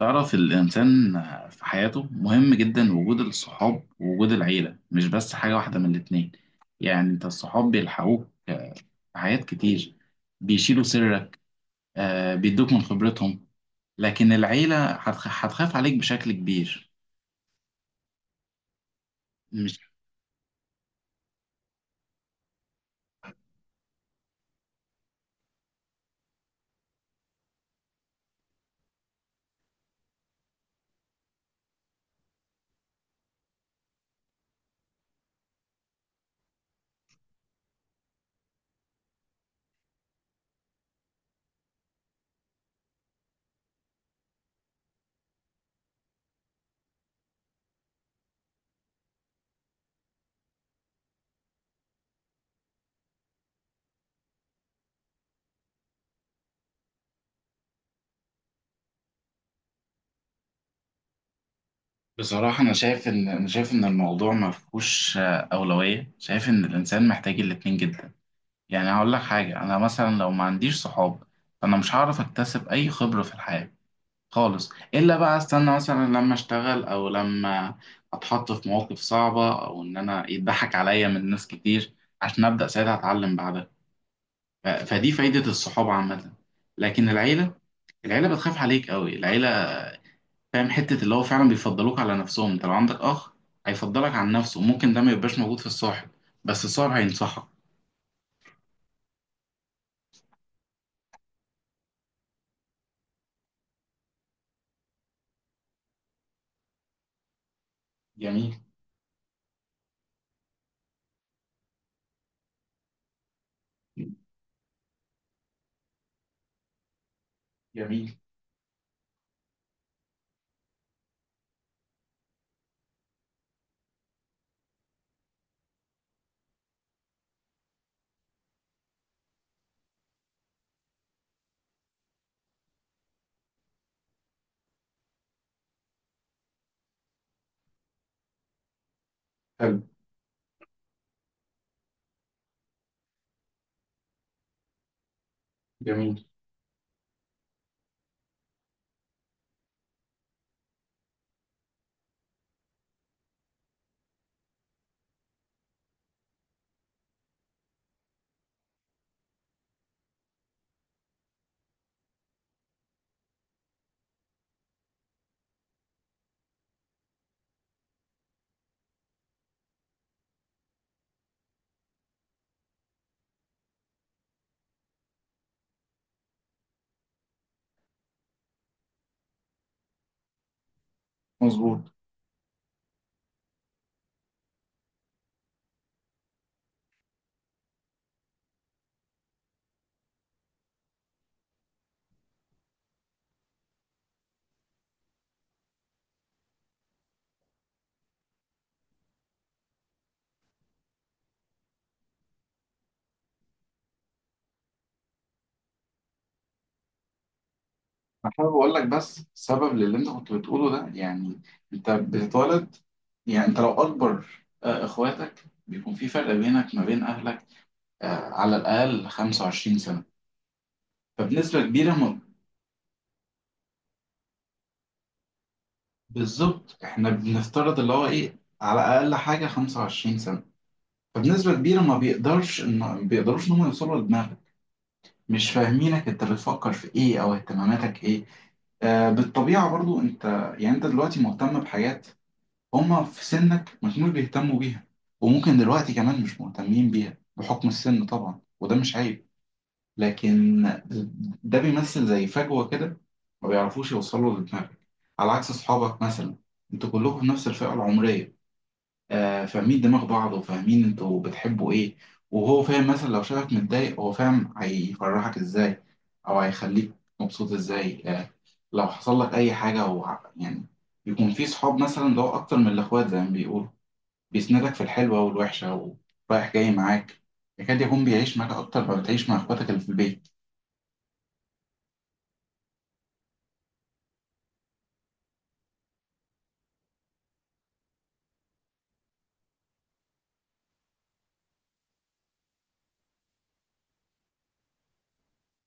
تعرف الإنسان في حياته مهم جدا، وجود الصحاب ووجود العيلة مش بس حاجة واحدة من الاتنين. يعني أنت الصحاب بيلحقوك في حاجات كتير، بيشيلوا سرك، بيدوك من خبرتهم. لكن العيلة هتخاف عليك بشكل كبير. مش. بصراحة أنا شايف إن الموضوع ما فيهوش أولوية، شايف إن الإنسان محتاج الاتنين جدا. يعني هقول لك حاجة، أنا مثلا لو ما عنديش صحاب فأنا مش هعرف أكتسب أي خبرة في الحياة خالص، الا بقى استنى مثلا لما اشتغل او لما اتحط في مواقف صعبه، او ان انا يضحك عليا من ناس كتير عشان ابدا ساعتها اتعلم بعدها. فدي فايده الصحابه عامه. لكن العيله بتخاف عليك قوي، العيله فاهم حته اللي هو فعلا بيفضلوك على نفسهم. انت لو عندك اخ هيفضلك عن نفسه، ممكن ده ما يبقاش موجود في الصاحب، بس الصاحب هينصحك. جميل. جميل. حلو. جميل. مظبوط. انا حابب اقول لك بس سبب للي انت كنت بتقوله ده، يعني انت بتتولد، يعني انت لو اكبر اخواتك، بيكون في فرق بينك ما بين اهلك على الاقل 25 سنه. فبنسبه كبيره ما- بالظبط، احنا بنفترض اللي هو ايه، على اقل حاجه 25 سنه. فبنسبه كبيره ما بيقدروش ان هم يوصلوا لدماغك، مش فاهمينك انت بتفكر في ايه او اهتماماتك ايه. بالطبيعة برضو يعني انت دلوقتي مهتم بحاجات هما في سنك ما كانوش بيهتموا بيها، وممكن دلوقتي كمان مش مهتمين بيها بحكم السن طبعا، وده مش عيب. لكن ده بيمثل زي فجوة كده، ما بيعرفوش يوصلوا لدماغك، على عكس أصحابك مثلا، انتوا كلكم في نفس الفئة العمرية، فاهمين دماغ بعض، وفاهمين انتوا بتحبوا ايه. وهو فاهم مثلا لو شافك متضايق، هو فاهم هيفرحك ازاي او هيخليك مبسوط ازاي. لو حصل لك اي حاجة هو يعني يكون في صحاب مثلا، ده هو اكتر من الاخوات زي ما بيقولوا، بيسندك في الحلوة والوحشة، ورايح جاي معاك، يكاد يكون بيعيش معاك أكتر ما بتعيش مع إخواتك اللي في البيت.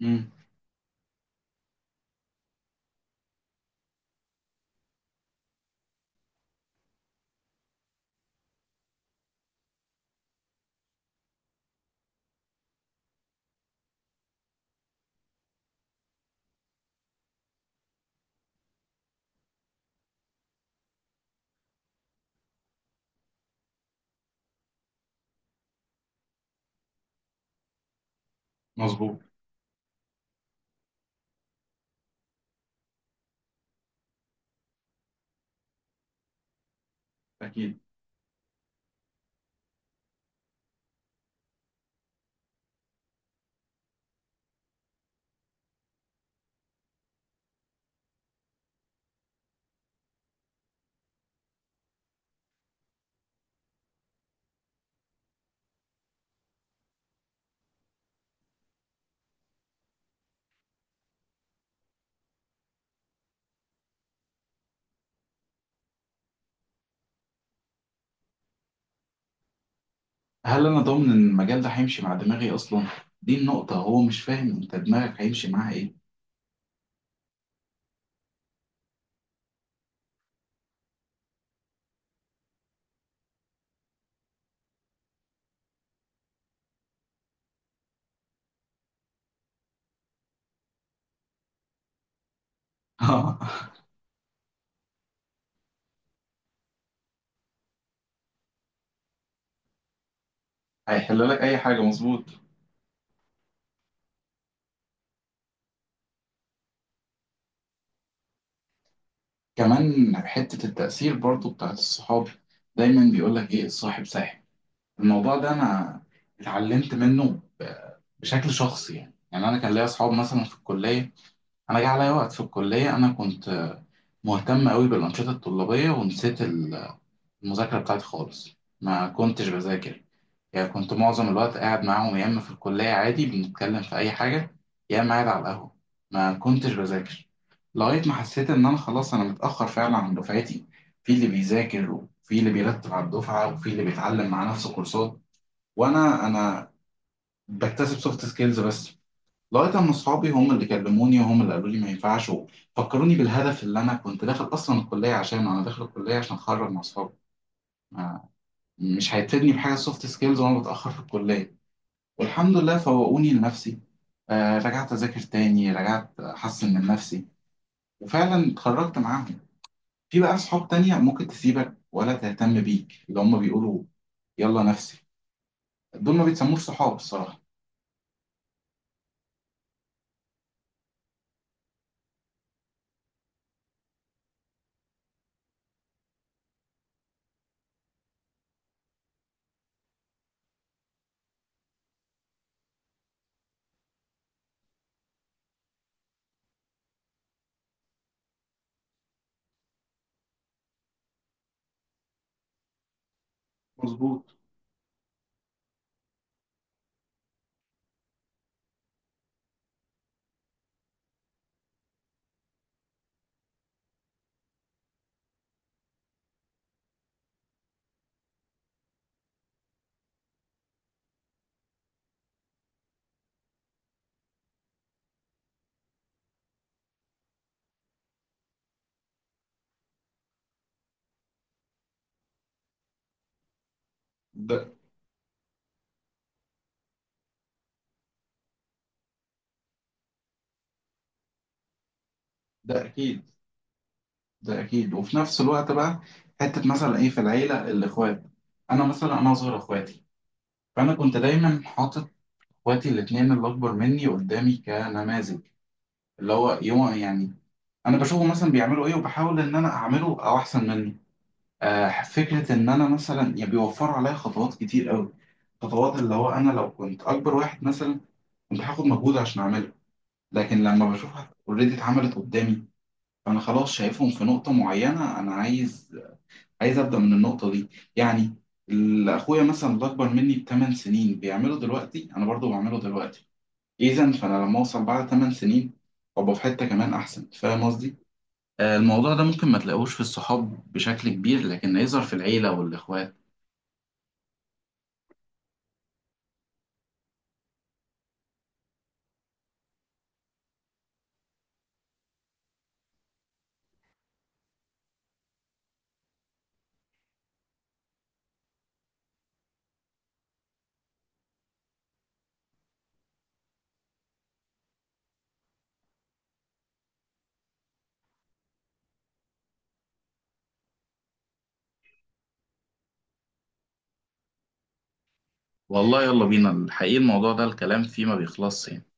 امم. مظبوط. أكيد. هل أنا ضامن إن المجال ده هيمشي مع دماغي أصلا؟ دي النقطة، هو مش فاهم أنت دماغك هيمشي معاها إيه. هيحل لك أي حاجة، مظبوط. كمان حتة التأثير برضو بتاعت الصحاب، دايما بيقولك إيه؟ الصاحب ساحب. الموضوع ده أنا اتعلمت منه بشكل شخصي، يعني أنا كان ليا أصحاب مثلا في الكلية. انا جه عليا وقت في الكليه، انا كنت مهتم قوي بالانشطه الطلابيه، ونسيت المذاكره بتاعتي خالص، ما كنتش بذاكر. يعني كنت معظم الوقت قاعد معاهم، يا اما في الكليه عادي بنتكلم في اي حاجه، يا اما قاعد على القهوه، ما كنتش بذاكر، لغايه ما حسيت ان انا خلاص انا متاخر فعلا عن دفعتي. في اللي بيذاكر، وفي اللي بيرتب على الدفعه، وفي اللي بيتعلم مع نفسه كورسات، وانا بكتسب سوفت سكيلز بس، لغايه اما اصحابي هم اللي كلموني، وهم اللي قالوا لي ما ينفعش، وفكروني بالهدف اللي انا كنت داخل اصلا الكليه عشانه. انا داخل الكليه عشان اتخرج مع اصحابي، ما- مش هيفيدني بحاجه سوفت سكيلز وانا بتاخر في الكليه. والحمد لله فوقوني لنفسي، رجعت اذاكر تاني، رجعت احسن من نفسي، وفعلا اتخرجت معاهم. في بقى اصحاب تانية ممكن تسيبك ولا تهتم بيك، اللي هم بيقولوا يلا نفسي، دول ما بيتسموش صحاب الصراحه. مظبوط. ده ده أكيد. ده اكيد. وفي نفس الوقت بقى، حته مثلا ايه؟ في العيله، الاخوات، انا مثلا انا اصغر اخواتي، فانا كنت دايما حاطط اخواتي الاثنين اللي اكبر مني قدامي كنماذج، اللي هو يوم يعني انا بشوفه مثلا بيعملوا ايه، وبحاول ان انا اعمله او احسن منه. فكره ان انا مثلا يعني بيوفروا عليا خطوات كتير قوي، خطوات اللي هو انا لو كنت اكبر واحد مثلا كنت هاخد مجهود عشان اعمله، لكن لما بشوفها اوريدي اتعملت قدامي، فانا خلاص شايفهم في نقطه معينه، انا عايز ابدا من النقطه دي. يعني اخويا مثلا اللي اكبر مني ب8 سنين بيعمله دلوقتي، انا برضو بعمله دلوقتي. اذا فانا لما اوصل بعد 8 سنين ابقى في حته كمان احسن، فاهم قصدي؟ الموضوع ده ممكن ما تلاقوش في الصحاب بشكل كبير، لكن يظهر في العيله والاخوات. والله يلا بينا الحقيقه، الموضوع ده الكلام فيه ما بيخلصش يعني.